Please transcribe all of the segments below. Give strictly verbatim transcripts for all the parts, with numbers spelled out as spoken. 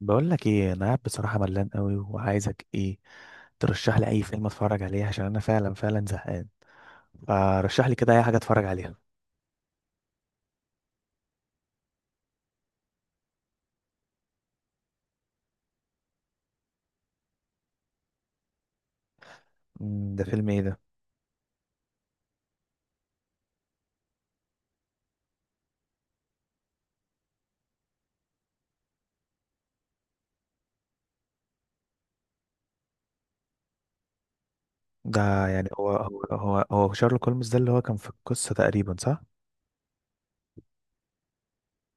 بقول لك ايه، انا قاعد بصراحه ملان قوي وعايزك ايه ترشح لي اي فيلم اتفرج عليه عشان انا فعلا فعلا زهقان. فرشح لي كده اي حاجه اتفرج عليها. أمم، ده فيلم ايه ده؟ ده يعني هو هو هو هو شارلوك هولمز، ده اللي هو كان في القصه تقريبا صح؟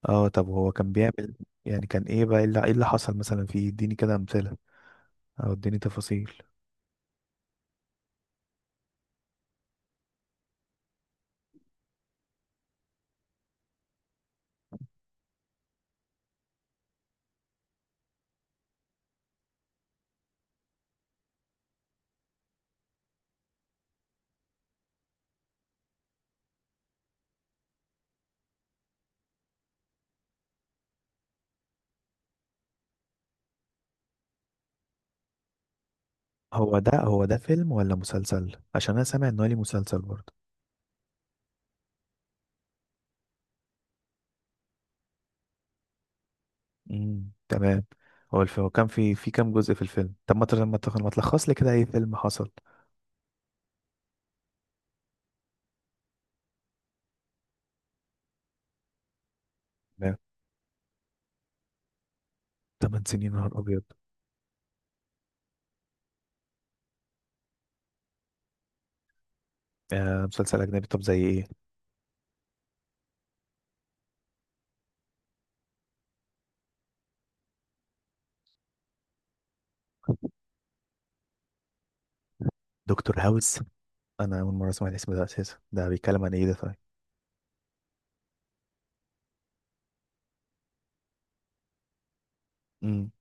اه، طب هو كان بيعمل؟ يعني كان ايه بقى، ايه اللي إيه اللي حصل مثلا فيه؟ اديني كده امثله او اديني تفاصيل. هو ده هو ده فيلم ولا مسلسل؟ عشان انا سامع ان هو ليه مسلسل برضه. امم، تمام. هو الفيلم كان في في كام جزء في الفيلم؟ طب ما تر- ما تخ- ما تلخص لي كده اي فيلم حصل. تمام، تمن سنين نهار ابيض. آه، مسلسل اجنبي؟ طب زي ايه؟ دكتور هاوس. انا اول مره اسمع الاسم ده اساسا، ده بيتكلم عن ايه ده؟ طيب. امم.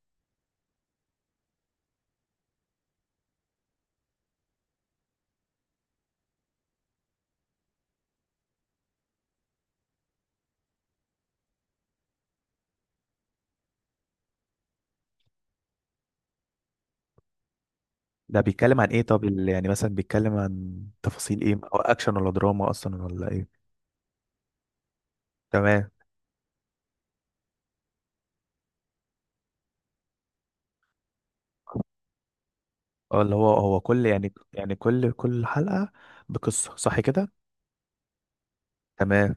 ده بيتكلم عن ايه؟ طب ال- يعني مثلا بيتكلم عن تفاصيل ايه، او اكشن ولا دراما اصلا ولا ايه؟ تمام. اه، اللي هو هو كل، يعني يعني كل كل حلقة بقصة، صح كده؟ تمام.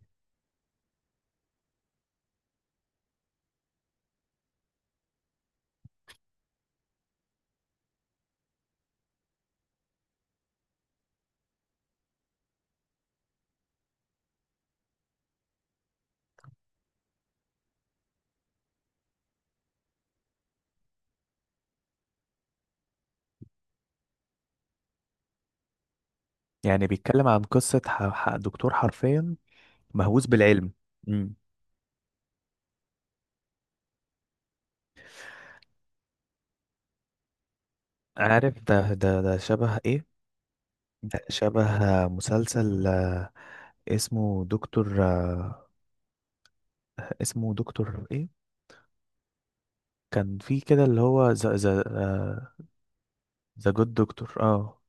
يعني بيتكلم عن قصة ح- ح- دكتور حرفيا مهووس بالعلم. امم. عارف، ده ده ده شبه ايه؟ ده شبه مسلسل، آه، اسمه دكتور، آه، اسمه دكتور ايه؟ كان في كده اللي هو ذا ذا آه، ذا جود دكتور، اه.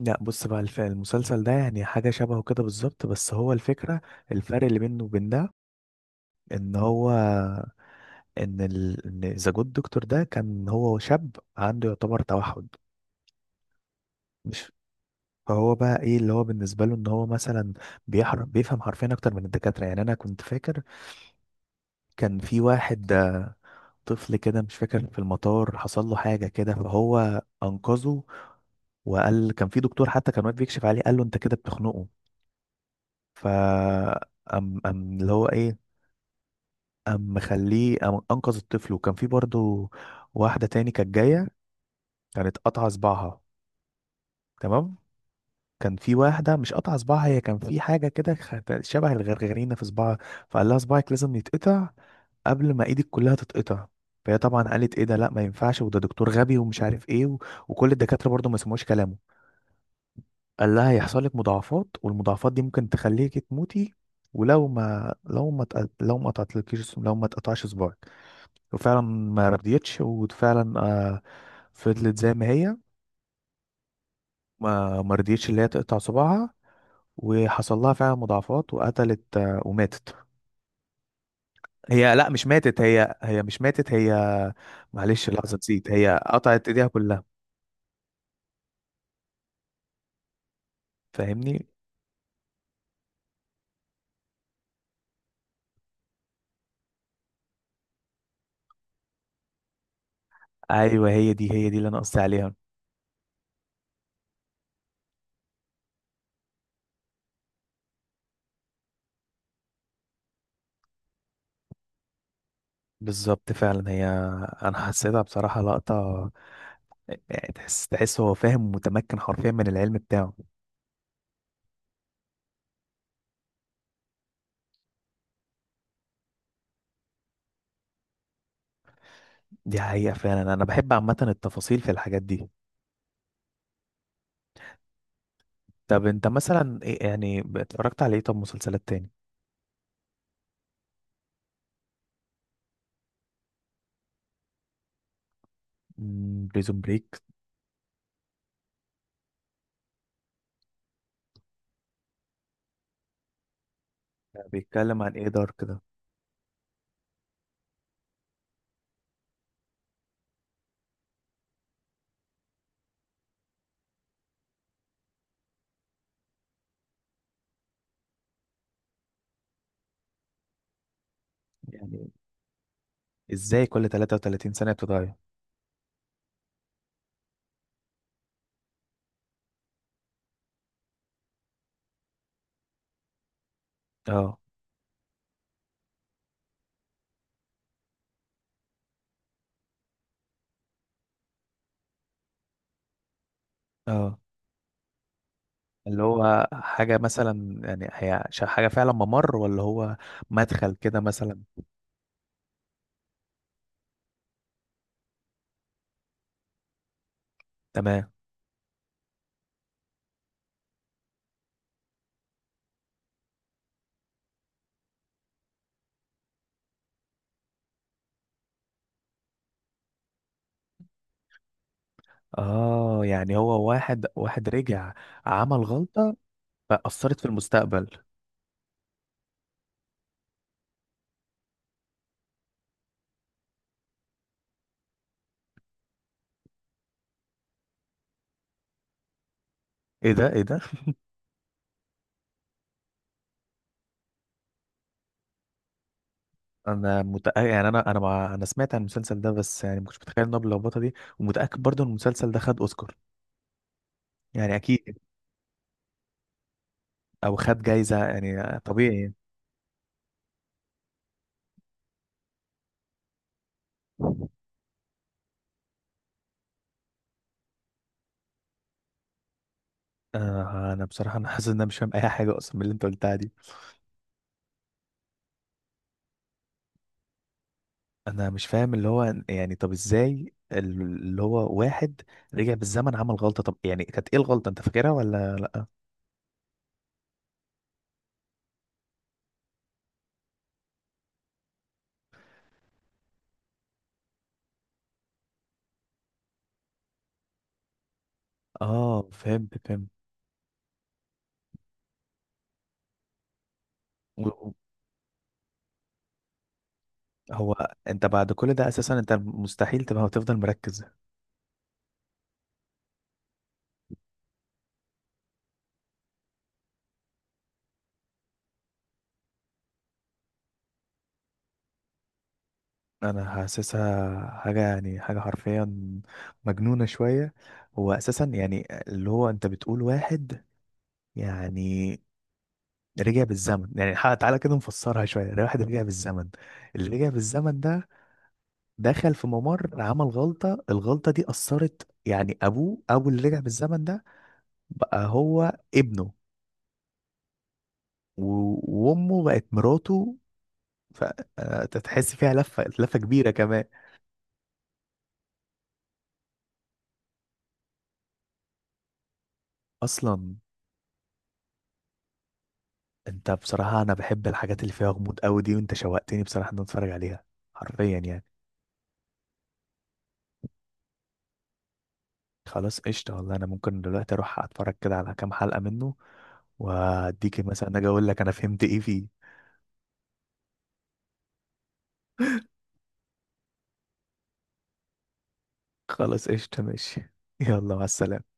لا، بص بقى، الف- المسلسل ده يعني حاجة شبهه كده بالظبط، بس هو الفكرة. الفرق اللي بينه وبين ده، ان هو ان ال- ان ذا جود دكتور ده كان هو شاب عنده يعتبر توحد. مش، فهو بقى ايه اللي هو بالنسبه له، ان هو مثلا بيحرم بيفهم حرفيا اكتر من الدكاتره. يعني انا كنت فاكر كان في واحد، آه، طفل كده، مش فاكر، في المطار حصل له حاجه كده فهو انقذه. وقال كان في دكتور حتى كان واقف بيكشف عليه قال له انت كده بتخنقه. ف ام ام اللي هو ايه، ام مخليه، أم انقذ الطفل. وكان في برضه واحده تاني كانت جايه، كانت قطعه صباعها. تمام. كان في واحدة مش قطع صباعها، هي كان في حاجة كده خت- شبه الغرغرينة في صباعها. فقال لها صباعك لازم يتقطع قبل ما ايدك كلها تتقطع. فهي طبعا قالت ايه ده، لا ما ينفعش، وده دكتور غبي ومش عارف ايه و... وكل الدكاترة برضه ما سمعوش كلامه. قال لها هيحصل لك مضاعفات، والمضاعفات دي ممكن تخليكي تموتي ولو ما لو ما تق... لو ما قطعتلكيش لو ما تقطعش صباعك. وفعلا ما رضيتش، وفعلا آه فضلت زي ما هي. ما ما رضيتش اللي هي تقطع صباعها. وحصل لها فعلا مضاعفات، وقتلت آه، وماتت. هي لا، مش ماتت هي، هي مش ماتت هي. معلش، لحظة، نسيت. هي قطعت ايديها كلها، فاهمني؟ ايوه، هي دي هي دي اللي انا قصدي عليها. بالظبط، فعلا هي. انا حسيتها بصراحة لقطة، يعني تحس تحس هو فاهم، متمكن حرفيا من العلم بتاعه. دي حقيقة، فعلا انا بحب عامة التفاصيل في الحاجات دي. طب انت مثلا، إيه- يعني اتفرجت على ايه؟ طب مسلسلات تاني؟ بريزون بريك. بيتكلم عن ايه دارك ده؟ يعني ازاي كل تلاتة وتلاتين سنة بتتغير؟ اه، اه. اللي هو حاجة مثلا، يعني هي ش- حاجة فعلا ممر، ولا هو مدخل كده مثلا؟ تمام. اه، يعني هو واحد واحد رجع، عمل غلطة فأثرت في المستقبل. ايه ده، ايه ده! انا متأكد، يعني انا انا مع... انا سمعت عن المسلسل ده، بس يعني ما كنتش متخيل انه باللخبطه دي، ومتأكد برضو ان المسلسل ده خد اوسكار، يعني اكيد. او خد جايزة يعني طبيعي. آه، انا بصراحه انا حاسس ان انا مش فاهم اي حاجه اصلا من اللي انت قلتها دي. انا مش فاهم اللي هو، يعني طب ازاي ال- اللي هو واحد رجع بالزمن، عمل غلطه؟ طب يعني كانت ايه الغلطه، انت فاكرها ولا لا؟ اه فهمت، فهمت. و- و- هو انت بعد كل ده اساسا، انت مستحيل تبقى وتفضل مركز. انا حاسسها حاجه، يعني حاجه حرفيا مجنونه شويه. هو اساسا يعني، اللي هو انت بتقول واحد يعني رجع بالزمن، يعني ح- تعالى كده نفسرها شوية. الواحد رجع بالزمن، اللي رجع بالزمن ده دخل في ممر، عمل غلطة، الغلطة دي أثرت، يعني أبوه، أبو اللي رجع بالزمن ده بقى هو ابنه. و- وأمه بقت مراته. فتحس فيها لفة لفة كبيرة كمان. أصلا. أنت بصراحة، أنا بحب الحاجات اللي فيها غموض أوي دي، وأنت شوقتني بصراحة إن أنا أتفرج عليها. حرفيا يعني. خلاص قشطة. والله أنا ممكن دلوقتي أروح أتفرج كده على كام حلقة منه، وأديك مثلا أجي أقول لك أنا فهمت إيه فيه. خلاص قشطة ماشي. يلا مع السلامة.